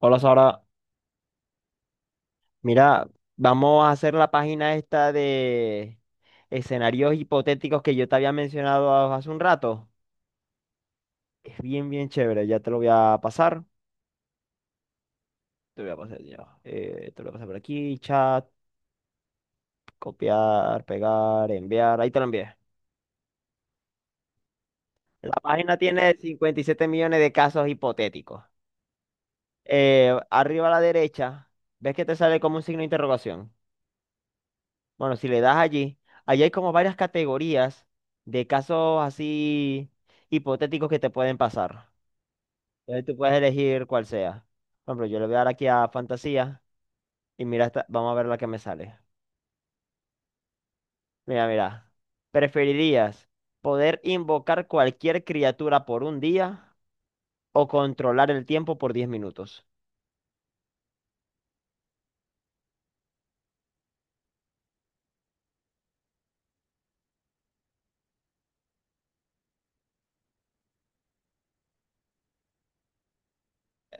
Hola Sara, mira, vamos a hacer la página esta de escenarios hipotéticos que yo te había mencionado hace un rato. Es bien, bien chévere, ya te lo voy a pasar. Te voy a pasar ya. Te lo voy a pasar por aquí, chat, copiar, pegar, enviar. Ahí te lo envié. La página tiene 57 millones de casos hipotéticos. Arriba a la derecha, ¿ves que te sale como un signo de interrogación? Bueno, si le das allí, allí hay como varias categorías de casos así hipotéticos que te pueden pasar. Entonces tú puedes elegir cuál sea. Por ejemplo, yo le voy a dar aquí a fantasía y mira, vamos a ver la que me sale. Mira, mira. ¿Preferirías poder invocar cualquier criatura por un día o controlar el tiempo por 10 minutos?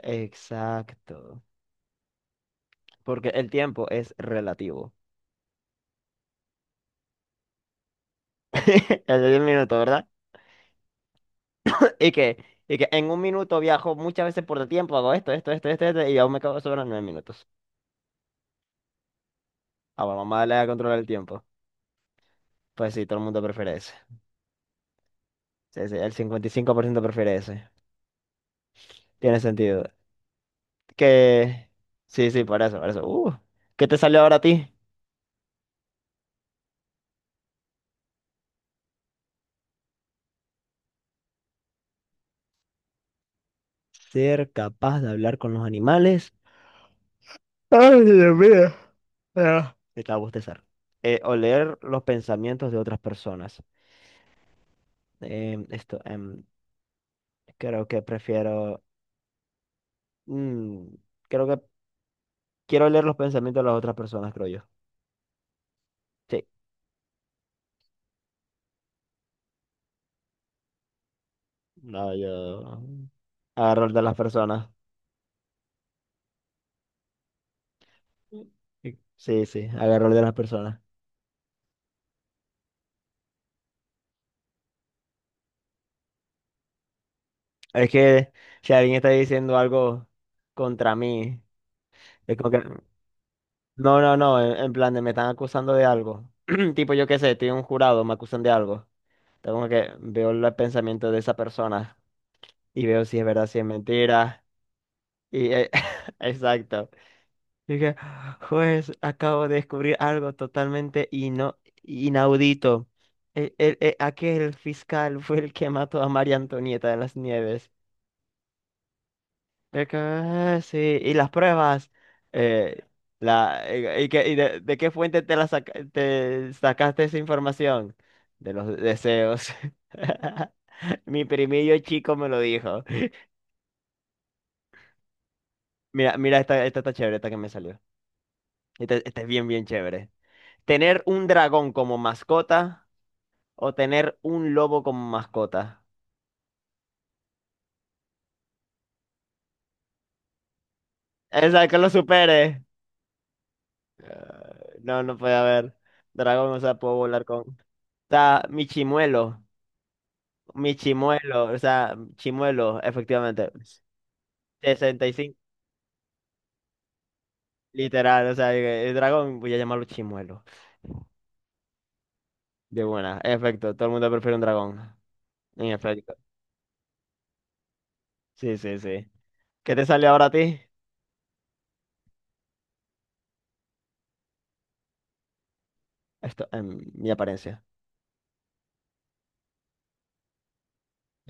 Exacto. Porque el tiempo es relativo. El de 10 minutos, ¿verdad? Y que en un minuto viajo muchas veces por el tiempo, hago esto, esto, esto, esto, esto, y aún me quedo sobre los 9 minutos. Ah, bueno, mamá le da controlar el tiempo. Pues sí, todo el mundo prefiere ese. Sí, sí, el 55% prefiere ese. Tiene sentido. Que. Sí, sí, por eso, por eso. ¿Qué te salió ahora a ti? Ser capaz de hablar con los animales. Ay, Dios mío. Ah, estaba a bostezar. O leer los pensamientos de otras personas. Esto, creo que prefiero. mm, Creo que quiero leer los pensamientos de las otras personas, creo yo. Sí. No, yo agarro el de las personas. Sí, sí, agarro el de las personas. Es que si alguien está diciendo algo contra mí, es como que. No, no, no, en plan de me están acusando de algo. Tipo, yo qué sé, estoy en un jurado, me acusan de algo. Tengo como que veo el pensamiento de esa persona y veo si es verdad, si es mentira. Y, exacto. Dije, juez, acabo de descubrir algo totalmente inaudito. Aquel fiscal fue el que mató a María Antonieta de las Nieves. De que, "Ah, sí, y las pruebas. Eh, la, y de qué fuente te, te sacaste esa información? De los deseos. Mi primillo chico me lo dijo. Mira, mira, esta está chévere, esta que me salió. Esta es bien, bien chévere. Tener un dragón como mascota o tener un lobo como mascota. Esa que lo supere. No, no puede haber. Dragón, o sea, puedo volar con. O mi chimuelo. Mi chimuelo, o sea, chimuelo, efectivamente. 65 literal, o sea, el dragón, voy a llamarlo chimuelo. De buena, en efecto, todo el mundo prefiere un dragón. En efecto, sí, sí, sí. ¿Qué te sale ahora a ti? Esto, mi apariencia.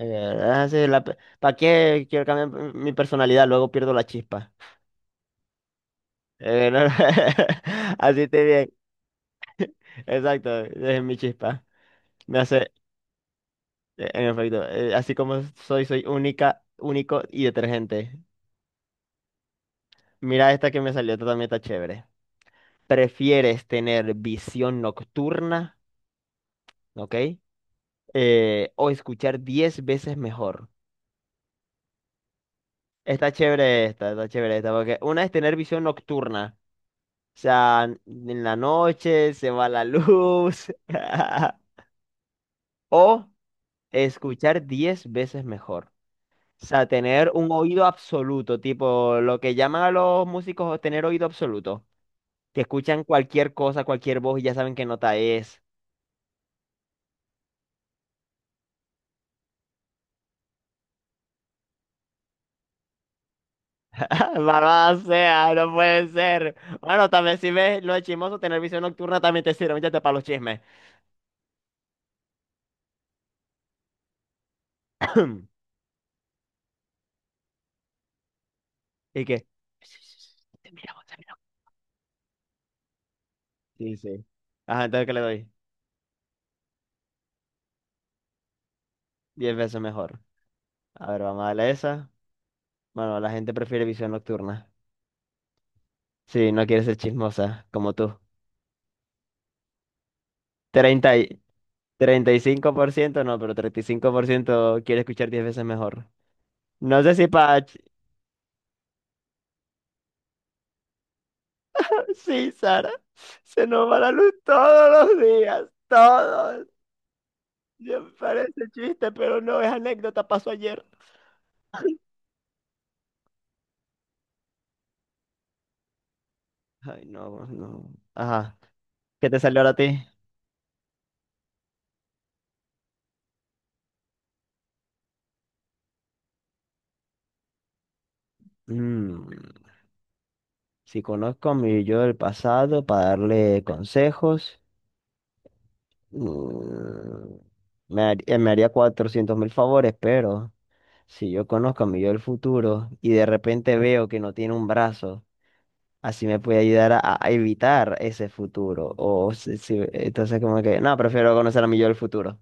Ah, sí, ¿para qué quiero cambiar mi personalidad? Luego pierdo la chispa. No, no, así te bien, exacto, es mi chispa. Me hace, en efecto, así como soy, soy única, único y detergente. Mira esta que me salió, esta también está chévere. ¿Prefieres tener visión nocturna, ok? O escuchar 10 veces mejor. Está chévere esta, porque una es tener visión nocturna, o sea, en la noche se va la luz, o escuchar 10 veces mejor. O sea, tener un oído absoluto, tipo lo que llaman a los músicos tener oído absoluto. Que escuchan cualquier cosa, cualquier voz y ya saben qué nota es. Malvada sea, no puede ser. Bueno, también si ves lo de chismoso, tener visión nocturna también te sirve, métete para los chismes. ¿Y qué? Sí, sí. Ajá, ¿entonces qué le doy? 10 veces mejor. A ver, vamos a darle esa. Bueno, la gente prefiere visión nocturna. Sí, no quiere ser chismosa, como tú. 30. 35%, no, pero 35% quiere escuchar 10 veces mejor. No sé si para. Sí, Sara, se nos va la luz todos los días, todos. Ya me parece chiste, pero no es anécdota, pasó ayer. Ay, no, no. Ajá, ¿qué te salió ahora a ti? Mm, si conozco a mi yo del pasado para darle consejos, mm, me haría 400.000 favores, pero. Si yo conozco a mi yo del futuro y de repente veo que no tiene un brazo, así me puede ayudar a evitar ese futuro. O entonces como que, no, prefiero conocer a mi yo del futuro.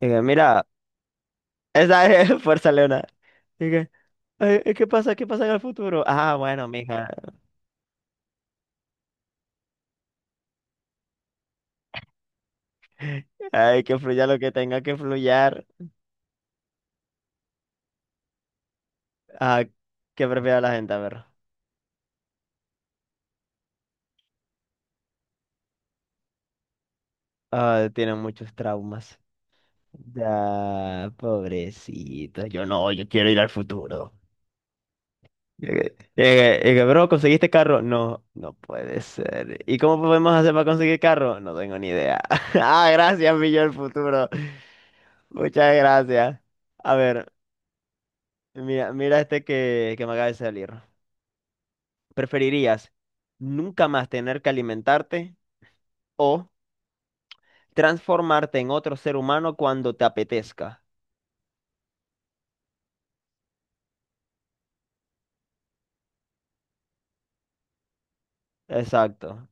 Y que, mira, esa es Fuerza Leona. Y que, "Ay, ¿qué pasa? ¿Qué pasa en el futuro? Ah, bueno, mija, hay que fluya lo que tenga que fluyar. Ah, ¿qué prefiere la gente? A ver, ah, tiene muchos traumas. Ya, pobrecito, yo no, yo quiero ir al futuro. Llegué, llegué, llegué, bro, ¿conseguiste carro? No, no puede ser. ¿Y cómo podemos hacer para conseguir carro? No tengo ni idea. Ah, gracias, mi yo del futuro. Muchas gracias. A ver, mira, mira este que me acaba de salir. ¿Preferirías nunca más tener que alimentarte o transformarte en otro ser humano cuando te apetezca? Exacto.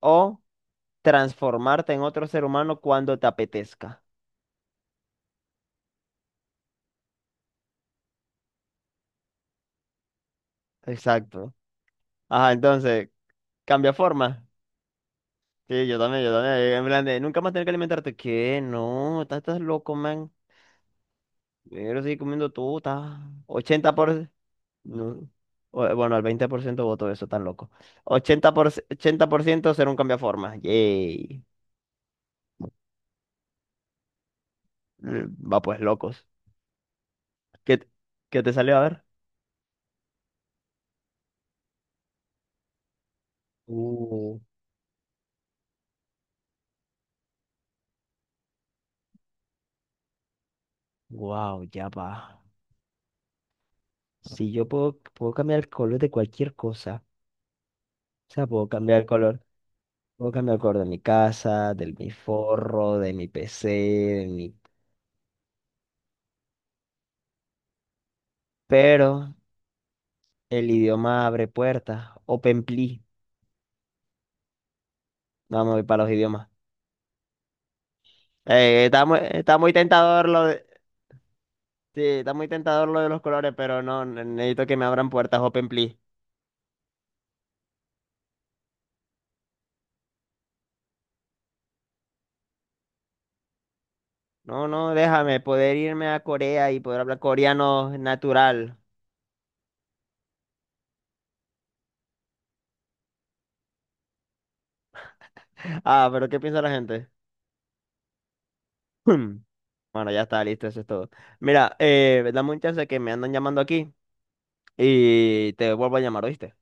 O transformarte en otro ser humano cuando te apetezca. Exacto. Ajá, entonces, cambia forma. Sí, yo también, yo también. En plan de, nunca más tener que alimentarte. ¿Qué? No, estás loco, man. Primero sigue comiendo tú, estás 80 por. No. Bueno, al 20% voto eso, tan loco. 80 por ciento, 80% ser un cambio de. Yay. Va pues, locos. ¿Qué, qué te salió a ver? Uh, wow, ya va. Si yo puedo, puedo cambiar el color de cualquier cosa. O sea, puedo cambiar el color. Puedo cambiar el color de mi casa, de mi forro, de mi PC, de mi, pero el idioma abre puertas. OpenPli, vamos a ir para los idiomas. Está muy, está muy tentador lo de, sí, está muy tentador lo de los colores, pero no, necesito que me abran puertas OpenPli. No, no, déjame poder irme a Corea y poder hablar coreano natural. Ah, ¿pero qué piensa la gente? Hmm. Bueno, ya está, listo, eso es todo. Mira, dame un chance que me andan llamando aquí y te vuelvo a llamar, ¿oíste?